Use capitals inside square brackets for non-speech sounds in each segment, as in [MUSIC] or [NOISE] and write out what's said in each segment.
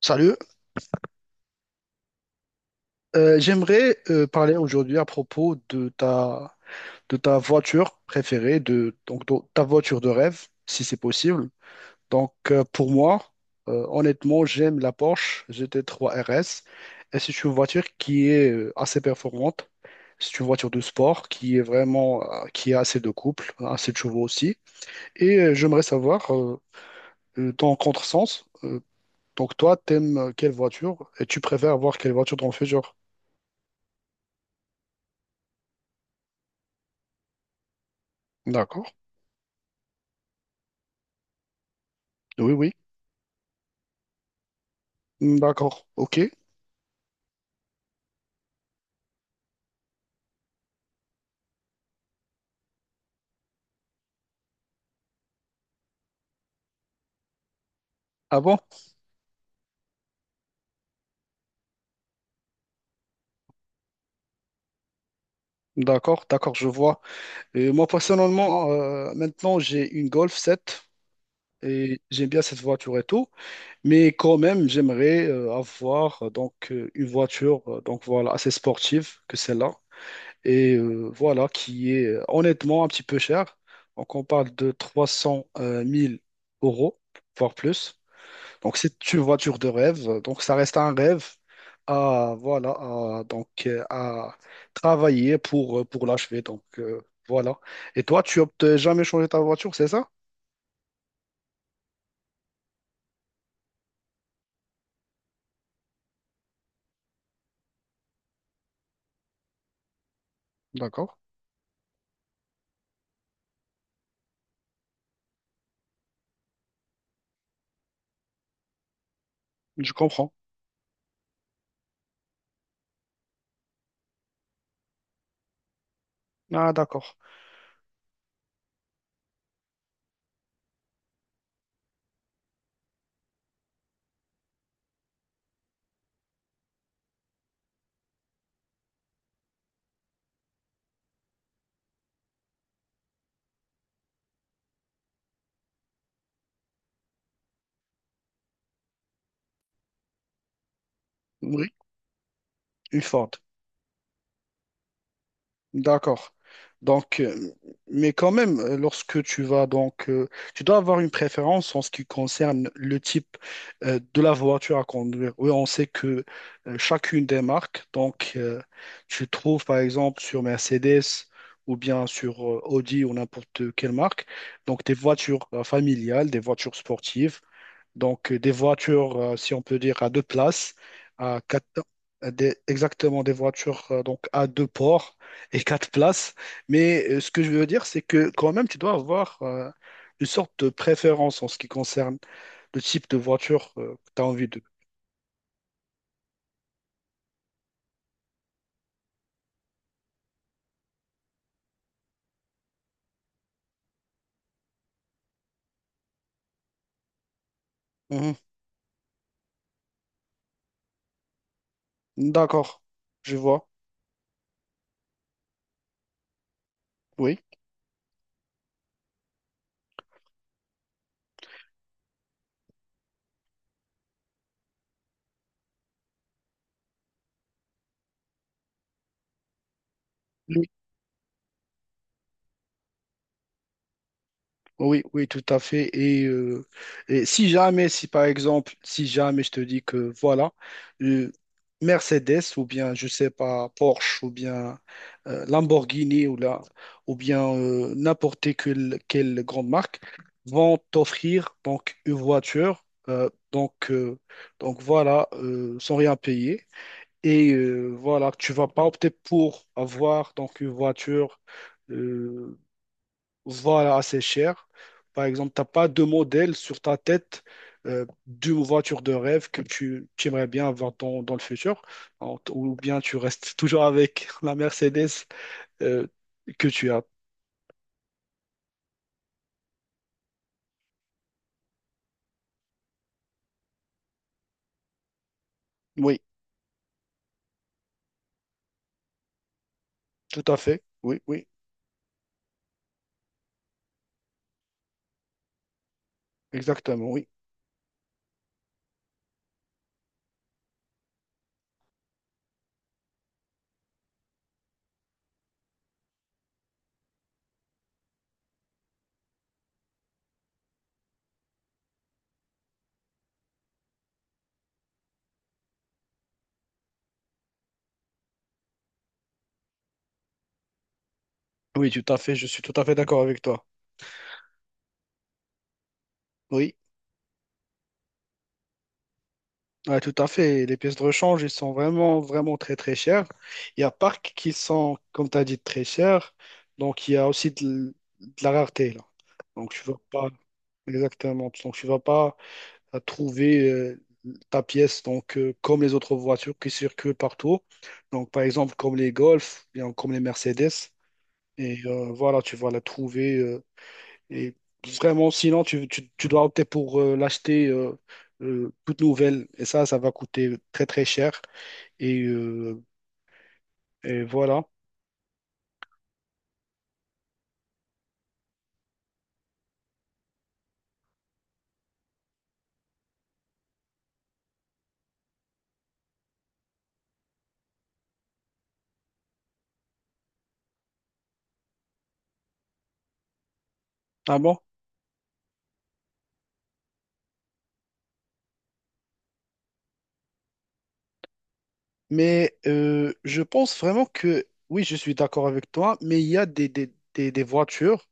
Salut. J'aimerais parler aujourd'hui à propos de ta voiture préférée, de, donc ta voiture de rêve, si c'est possible. Donc pour moi, honnêtement, j'aime la Porsche GT3 RS, et c'est une voiture qui est assez performante. C'est une voiture de sport qui est vraiment, qui a assez de couple, assez de chevaux aussi. Et j'aimerais savoir, ton contresens, donc toi, t'aimes quelle voiture et tu préfères avoir quelle voiture dans le futur? D'accord. Oui, oui. Mm, d'accord, ok. Ah bon? D'accord, d'accord, je vois. Et moi, personnellement, maintenant, j'ai une Golf 7 et j'aime bien cette voiture et tout, mais quand même, j'aimerais avoir une voiture donc voilà, assez sportive que celle-là, et voilà, qui est honnêtement un petit peu chère. Donc, on parle de trois cent mille euros, voire plus. Donc, c'est une voiture de rêve. Donc, ça reste un rêve à, voilà, à travailler pour l'achever. Voilà. Et toi, tu optes jamais changer ta voiture, c'est ça? D'accord. Je comprends. Ah, d'accord. Oui, une Ford. D'accord. Donc, mais quand même, lorsque tu vas donc, tu dois avoir une préférence en ce qui concerne le type de la voiture à conduire. Oui, on sait que chacune des marques, donc, tu trouves par exemple sur Mercedes ou bien sur Audi ou n'importe quelle marque, donc des voitures familiales, des voitures sportives, donc, des voitures, si on peut dire, à deux places, à quatre, exactement des voitures donc à deux ports et [LAUGHS] quatre places. Mais ce que je veux dire, c'est que quand même, tu dois avoir une sorte de préférence en ce qui concerne le type de voiture que tu as envie de. Mhm. D'accord, je vois. Oui. Oui, oui, tout à fait. Et si jamais, si par exemple, si jamais je te dis que voilà, euh, Mercedes ou bien, je sais pas, Porsche ou bien Lamborghini ou, la, ou bien n'importe quelle grande marque vont t'offrir donc une voiture, donc voilà, sans rien payer. Et voilà, tu vas pas opter pour avoir donc une voiture. euh, voilà, assez cher. Par exemple, tu n'as pas de modèle sur ta tête d'une voiture de rêve que tu aimerais bien avoir dans le futur, ou bien tu restes toujours avec [LAUGHS] la Mercedes euh, que tu as. Oui, tout à fait. Oui, oui, exactement. Oui, oui, tout à fait. Je suis tout à fait d'accord avec toi. Oui, ouais, tout à fait. Les pièces de rechange, ils sont vraiment, vraiment très, très chères. Il y a parcs qui sont, comme tu as dit, très chers. Donc, il y a aussi de la rareté, là. Donc, tu ne vas pas. Exactement. Donc, tu vas pas trouver ta pièce donc, comme les autres voitures qui circulent partout. Donc, par exemple, comme les Golf, bien comme les Mercedes. Et voilà, tu vas la trouver. Et vraiment, sinon, tu dois opter pour l'acheter toute nouvelle. Et ça va coûter très, très cher. Et, euh, et voilà. Ah bon? Mais je pense vraiment que, oui, je suis d'accord avec toi, mais il y a des voitures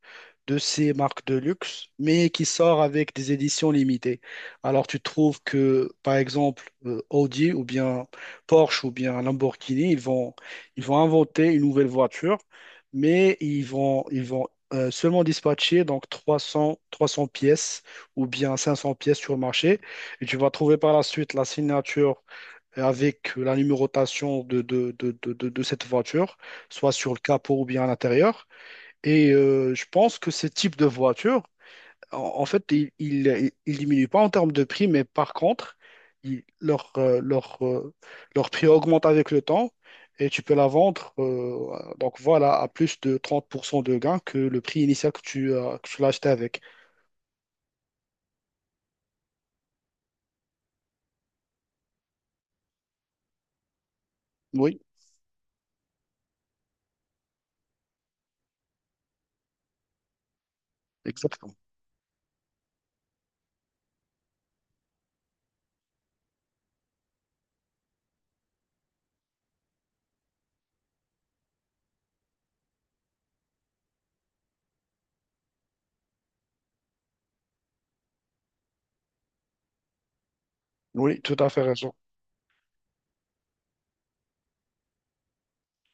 de ces marques de luxe, mais qui sortent avec des éditions limitées. Alors tu trouves que, par exemple, Audi ou bien Porsche ou bien Lamborghini, ils vont inventer une nouvelle voiture, mais ils vont seulement dispatcher donc trois cents, trois 300 pièces ou bien 500 pièces sur le marché. Et tu vas trouver par la suite la signature avec la numérotation de cette voiture, soit sur le capot ou bien à l'intérieur. Et je pense que ce type de voiture, en, en fait, il diminue pas en termes de prix, mais par contre, il- leur, euh, leur, euh, leur prix augmente avec le temps et tu peux la vendre donc voilà, à plus de 30% de gain que le prix initial que que tu l'as acheté avec. Oui, exactement. Oui, tout à fait raison.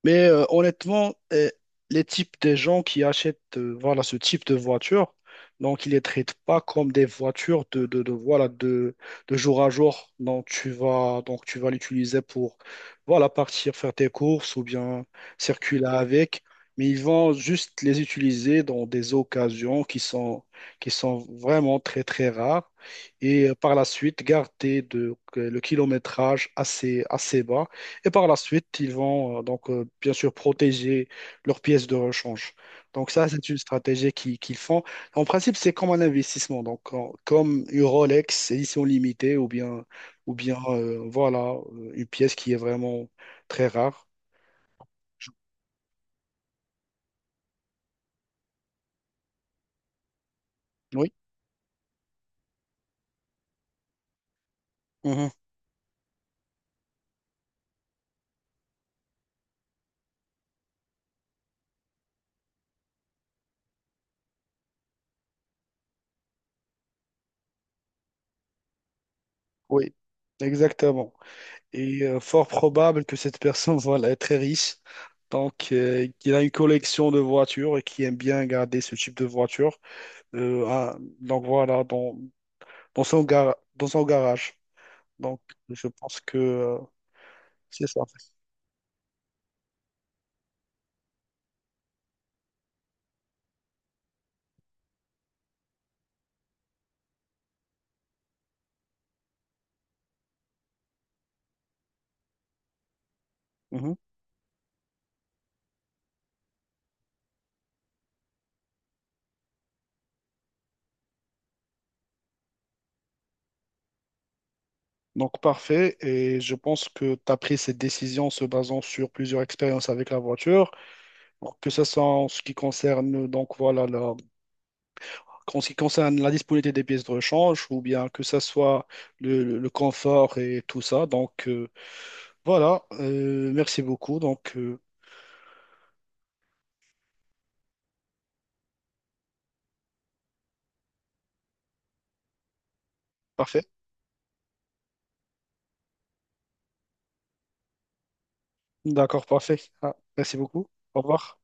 Mais honnêtement, les types de gens qui achètent voilà, ce type de voiture, donc ils ne les traitent pas comme des voitures voilà, de jour à jour. Donc tu vas l'utiliser pour voilà, partir faire tes courses ou bien circuler avec. Mais ils vont juste les utiliser dans des occasions qui sont vraiment très très rares. Et par la suite, garder de, le kilométrage assez, assez bas, et par la suite, ils vont bien sûr protéger leurs pièces de rechange. Donc ça, c'est une stratégie qu'ils font. En principe, c'est comme un investissement, comme une Rolex édition limitée ou bien voilà, une pièce qui est vraiment très rare. Je- Oui. Mhm. Oui, exactement. Et fort probable que cette personne [LAUGHS] voilà, est très riche, donc qu'il a une collection de voitures et qui aime bien garder ce type de voiture. Donc voilà, dans dans son garage. Donc, je pense que c'est ça. Mhm. Donc, parfait. Et je pense que tu as pris cette décision en se basant sur plusieurs expériences avec la voiture. Donc, que ce soit en ce qui concerne, donc, voilà, la, en ce qui concerne la disponibilité des pièces de rechange ou bien que ce soit le confort et tout ça. Merci beaucoup. Parfait. D'accord, parfait. Ah, merci beaucoup. Au revoir.